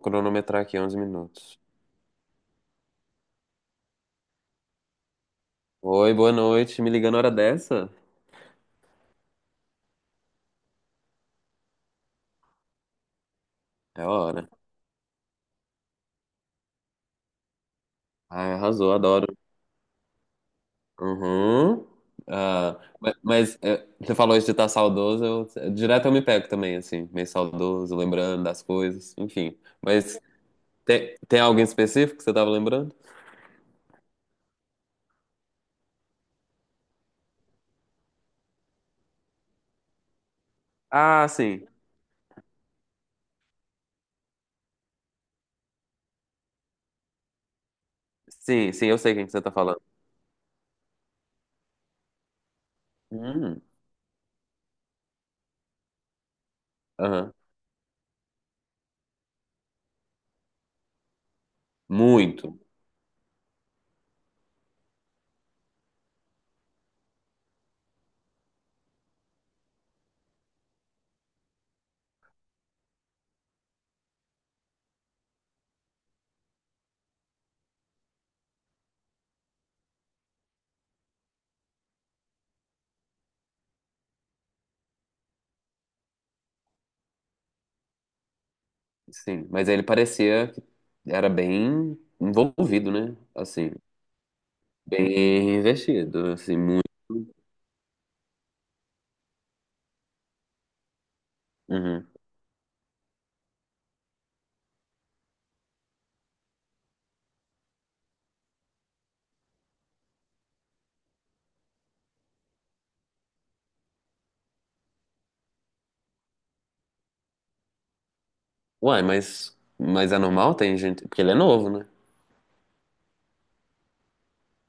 Cronometrar aqui 11 minutos. Oi, boa noite. Me ligando na hora dessa? É a hora. Ai, arrasou, adoro. Uhum. Ah, mas é, você falou isso de estar saudoso, eu, direto eu me pego também, assim, meio saudoso, lembrando das coisas, enfim. Mas tem alguém específico que você tava lembrando? Ah, sim. Sim, sim, eu sei quem que você tá falando. Hum, aham. Muito, sim. Mas ele parecia que era bem envolvido, né? Assim. Bem investido, assim, muito. Uhum. Uai, mas é normal? Tem gente. Porque ele é novo, né?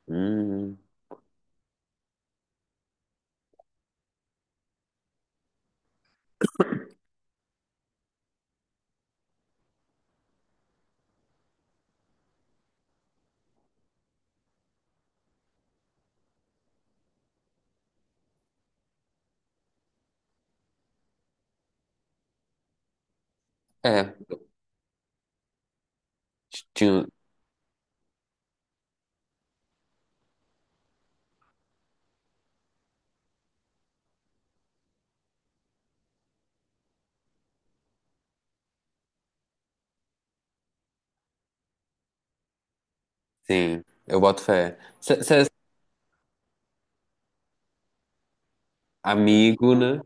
Hum. É, tinha. Sim, eu boto fé. Você é amigo, né?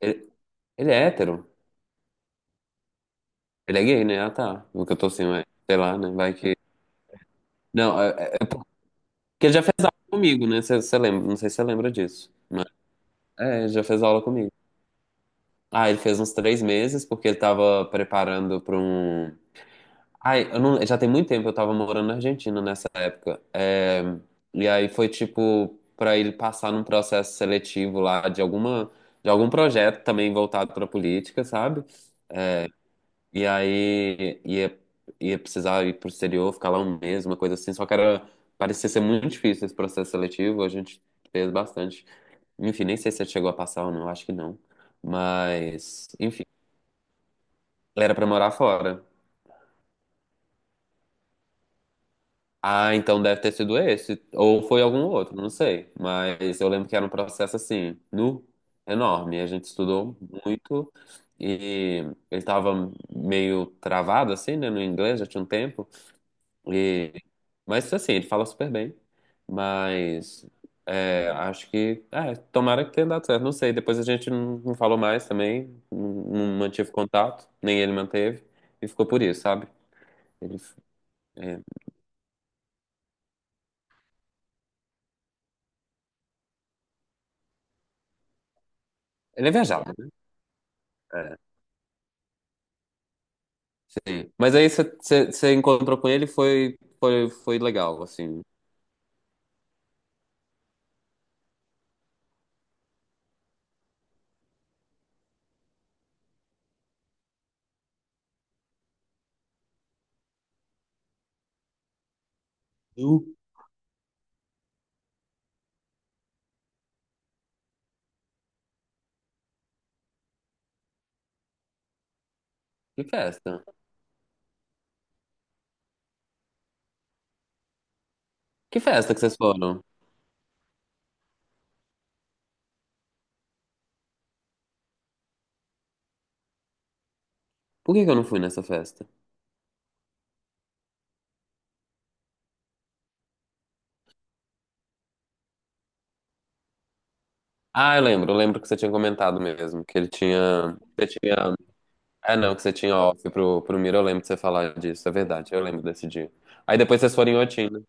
Ele, ele é hétero. Ele é gay, né? Ah, tá. O que eu tô assim, ué, sei lá, né? Vai que. Não, é, é porque ele já fez aula comigo, né? Você lembra? Não sei se você lembra disso. Mas, é, ele já fez aula comigo. Ah, ele fez uns 3 meses porque ele tava preparando pra um. Ai, eu não, já tem muito tempo eu tava morando na Argentina nessa época. É, e aí foi tipo pra ele passar num processo seletivo lá de alguma de algum projeto também voltado pra política, sabe? E aí ia, ia precisar ir pro exterior, ficar lá 1 mês, uma coisa assim. Só que era, parecia ser muito difícil esse processo seletivo, a gente fez bastante. Enfim, nem sei se ele chegou a passar ou não, acho que não. Mas, enfim, era pra morar fora. Ah, então deve ter sido esse. Ou foi algum outro, não sei. Mas eu lembro que era um processo assim, nu, enorme. A gente estudou muito e ele estava meio travado, assim, né, no inglês, já tinha um tempo. E... Mas assim, ele fala super bem. Mas é, acho que. É, tomara que tenha dado certo. Não sei. Depois a gente não falou mais também. Não, não mantive contato, nem ele manteve. E ficou por isso, sabe? Ele, é, ele é viajado, né? É. Sim. Mas aí você encontrou com ele e foi, foi legal, assim. Viu? Que festa? Que festa que vocês foram? Por que que eu não fui nessa festa? Ah, eu lembro que você tinha comentado mesmo, que ele tinha. Você tinha. Ah, não, que você tinha off pro, pro Miro, eu lembro de você falar disso, é verdade, eu lembro desse dia. Aí depois vocês foram em Otina.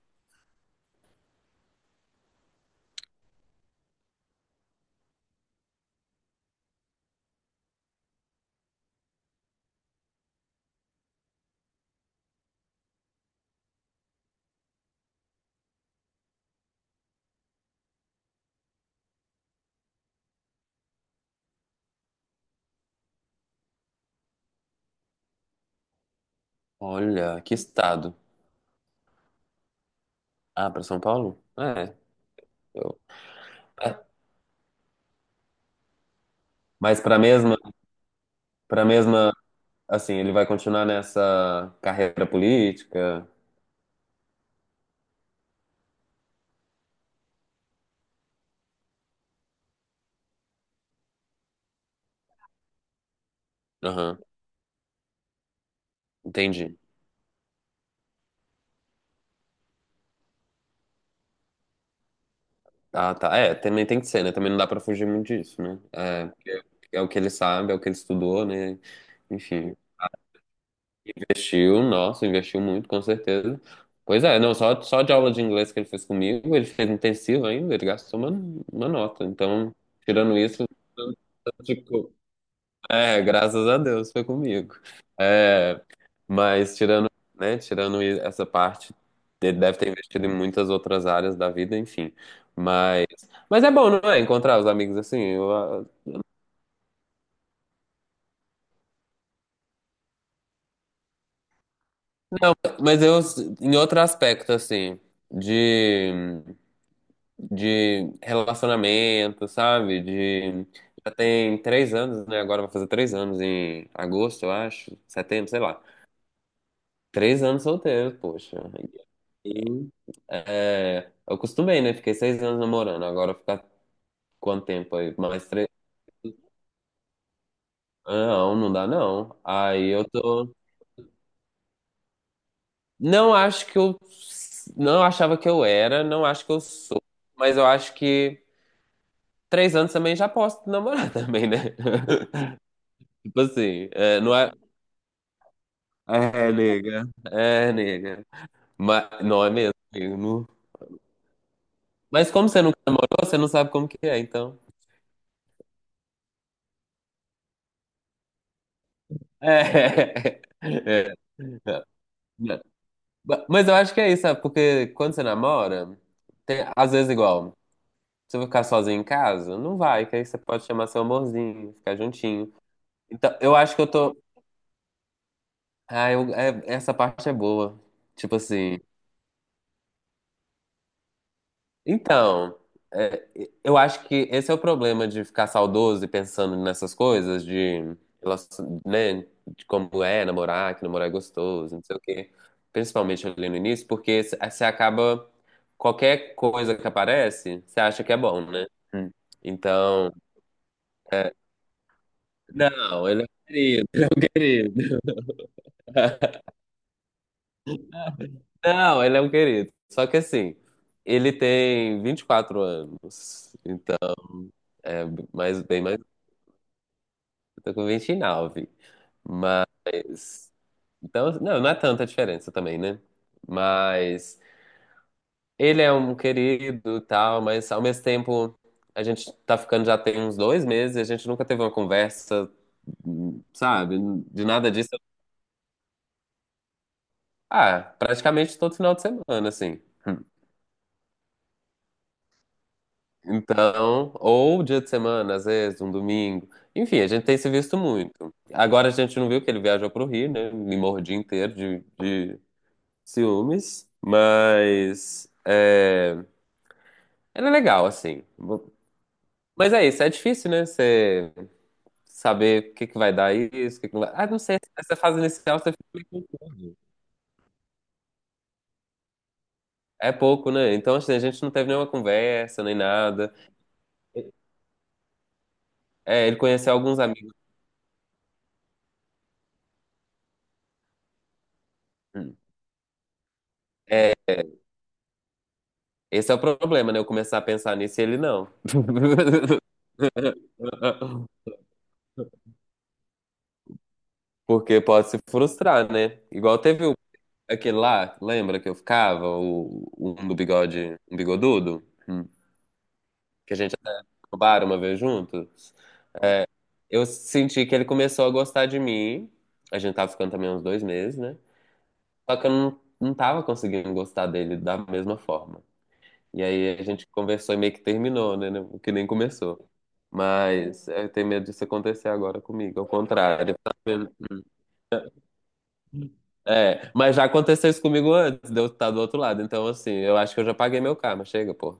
Olha, que estado. Ah, pra São Paulo? É. eu- é. Mas pra mesma, assim, ele vai continuar nessa carreira política? Aham, entendi. Ah, tá. É, também tem que ser, né? Também não dá pra fugir muito disso, né? É, porque é o que ele sabe, é o que ele estudou, né? Enfim, investiu, nossa, investiu muito, com certeza. Pois é, não, só, só de aula de inglês que ele fez comigo, ele fez intensivo ainda, ele gastou uma nota. Então, tirando isso, tanto de co- é, graças a Deus, foi comigo. É, mas tirando, né, tirando essa parte, ele deve ter investido em muitas outras áreas da vida, enfim. Mas, mas é bom, não é? Encontrar os amigos assim. Eu, ah, mas eu, em outro aspecto, assim, de, de relacionamento, sabe? De, já tem 3 anos, né? Agora vai fazer 3 anos em agosto, eu acho, setembro, sei lá. 3 anos solteiro, poxa. E, aí, é, eu acostumei, né? Fiquei 6 anos namorando, agora ficar quanto tempo aí? Mais 3? Não, não dá não. Aí eu tô. Não acho que eu. Não achava que eu era, não acho que eu sou. Mas eu acho que 3 anos também já posso namorar também, né? Tipo assim, é, não é. É, nega. É, nega. Mas não é mesmo, amigo. Não- Mas como você nunca namorou, você não sabe como que é, então. É. É. Mas eu acho que é isso, sabe? Porque quando você namora, tem, às vezes igual. Você vai ficar sozinho em casa? Não vai, que aí você pode chamar seu amorzinho, ficar juntinho. Então, eu acho que eu tô. Ah, essa parte é boa. Tipo assim. Então, é, eu acho que esse é o problema de ficar saudoso e pensando nessas coisas, de, né, de como é namorar, que namorar é gostoso, não sei o quê. Principalmente ali no início, porque você acaba. Qualquer coisa que aparece, você acha que é bom, né? Hum. Então. É, não, ele é um querido, ele é um querido. Não, ele é um querido. Só que assim, ele tem 24 anos. Então, é mais, bem mais. Eu tô com 29, mas. Então, não, não é tanta diferença também, né? Mas. Ele é um querido e tal, mas ao mesmo tempo. A gente tá ficando já tem uns 2 meses, e a gente nunca teve uma conversa, sabe? De nada disso. Ah, praticamente todo final de semana, assim. Então, ou dia de semana, às vezes, um domingo. Enfim, a gente tem se visto muito. Agora a gente não viu que ele viajou pro Rio, né? Me mordi inteiro de ciúmes. Mas é, ele é legal, assim. Mas é isso, é difícil, né? Você saber o que que vai dar isso, o que que não vai. Ah, não sei. Essa fase inicial você fica meio confuso. É pouco, né? Então, assim, a gente não teve nenhuma conversa, nem nada. É, ele conheceu alguns amigos. Esse é o problema, né? Eu começar a pensar nisso e ele não. Porque pode se frustrar, né? Igual teve aquele lá, lembra que eu ficava? O, um do bigode, um bigodudo? Hum. Que a gente até no bar uma vez junto. Eu senti que ele começou a gostar de mim. A gente tava ficando também uns 2 meses, né? Só que eu não tava conseguindo gostar dele da mesma forma. E aí a gente conversou e meio que terminou, né? Né, que nem começou. Mas eu tenho medo disso acontecer agora comigo, ao contrário. Tá vendo? É, mas já aconteceu isso comigo antes de eu estar do outro lado. Então, assim, eu acho que eu já paguei meu karma. Chega, pô.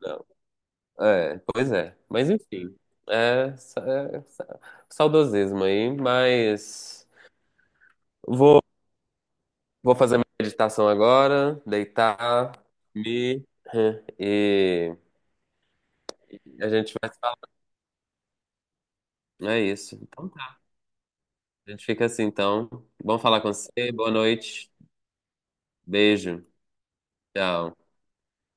Não. É, pois é. Mas enfim. É, é sa- saudosismo aí, mas vou, vou fazer minha meditação agora, deitar, me e a gente vai se falar. É isso. Então, a gente fica assim, então. Bom falar com você. Boa noite. Beijo. Tchau.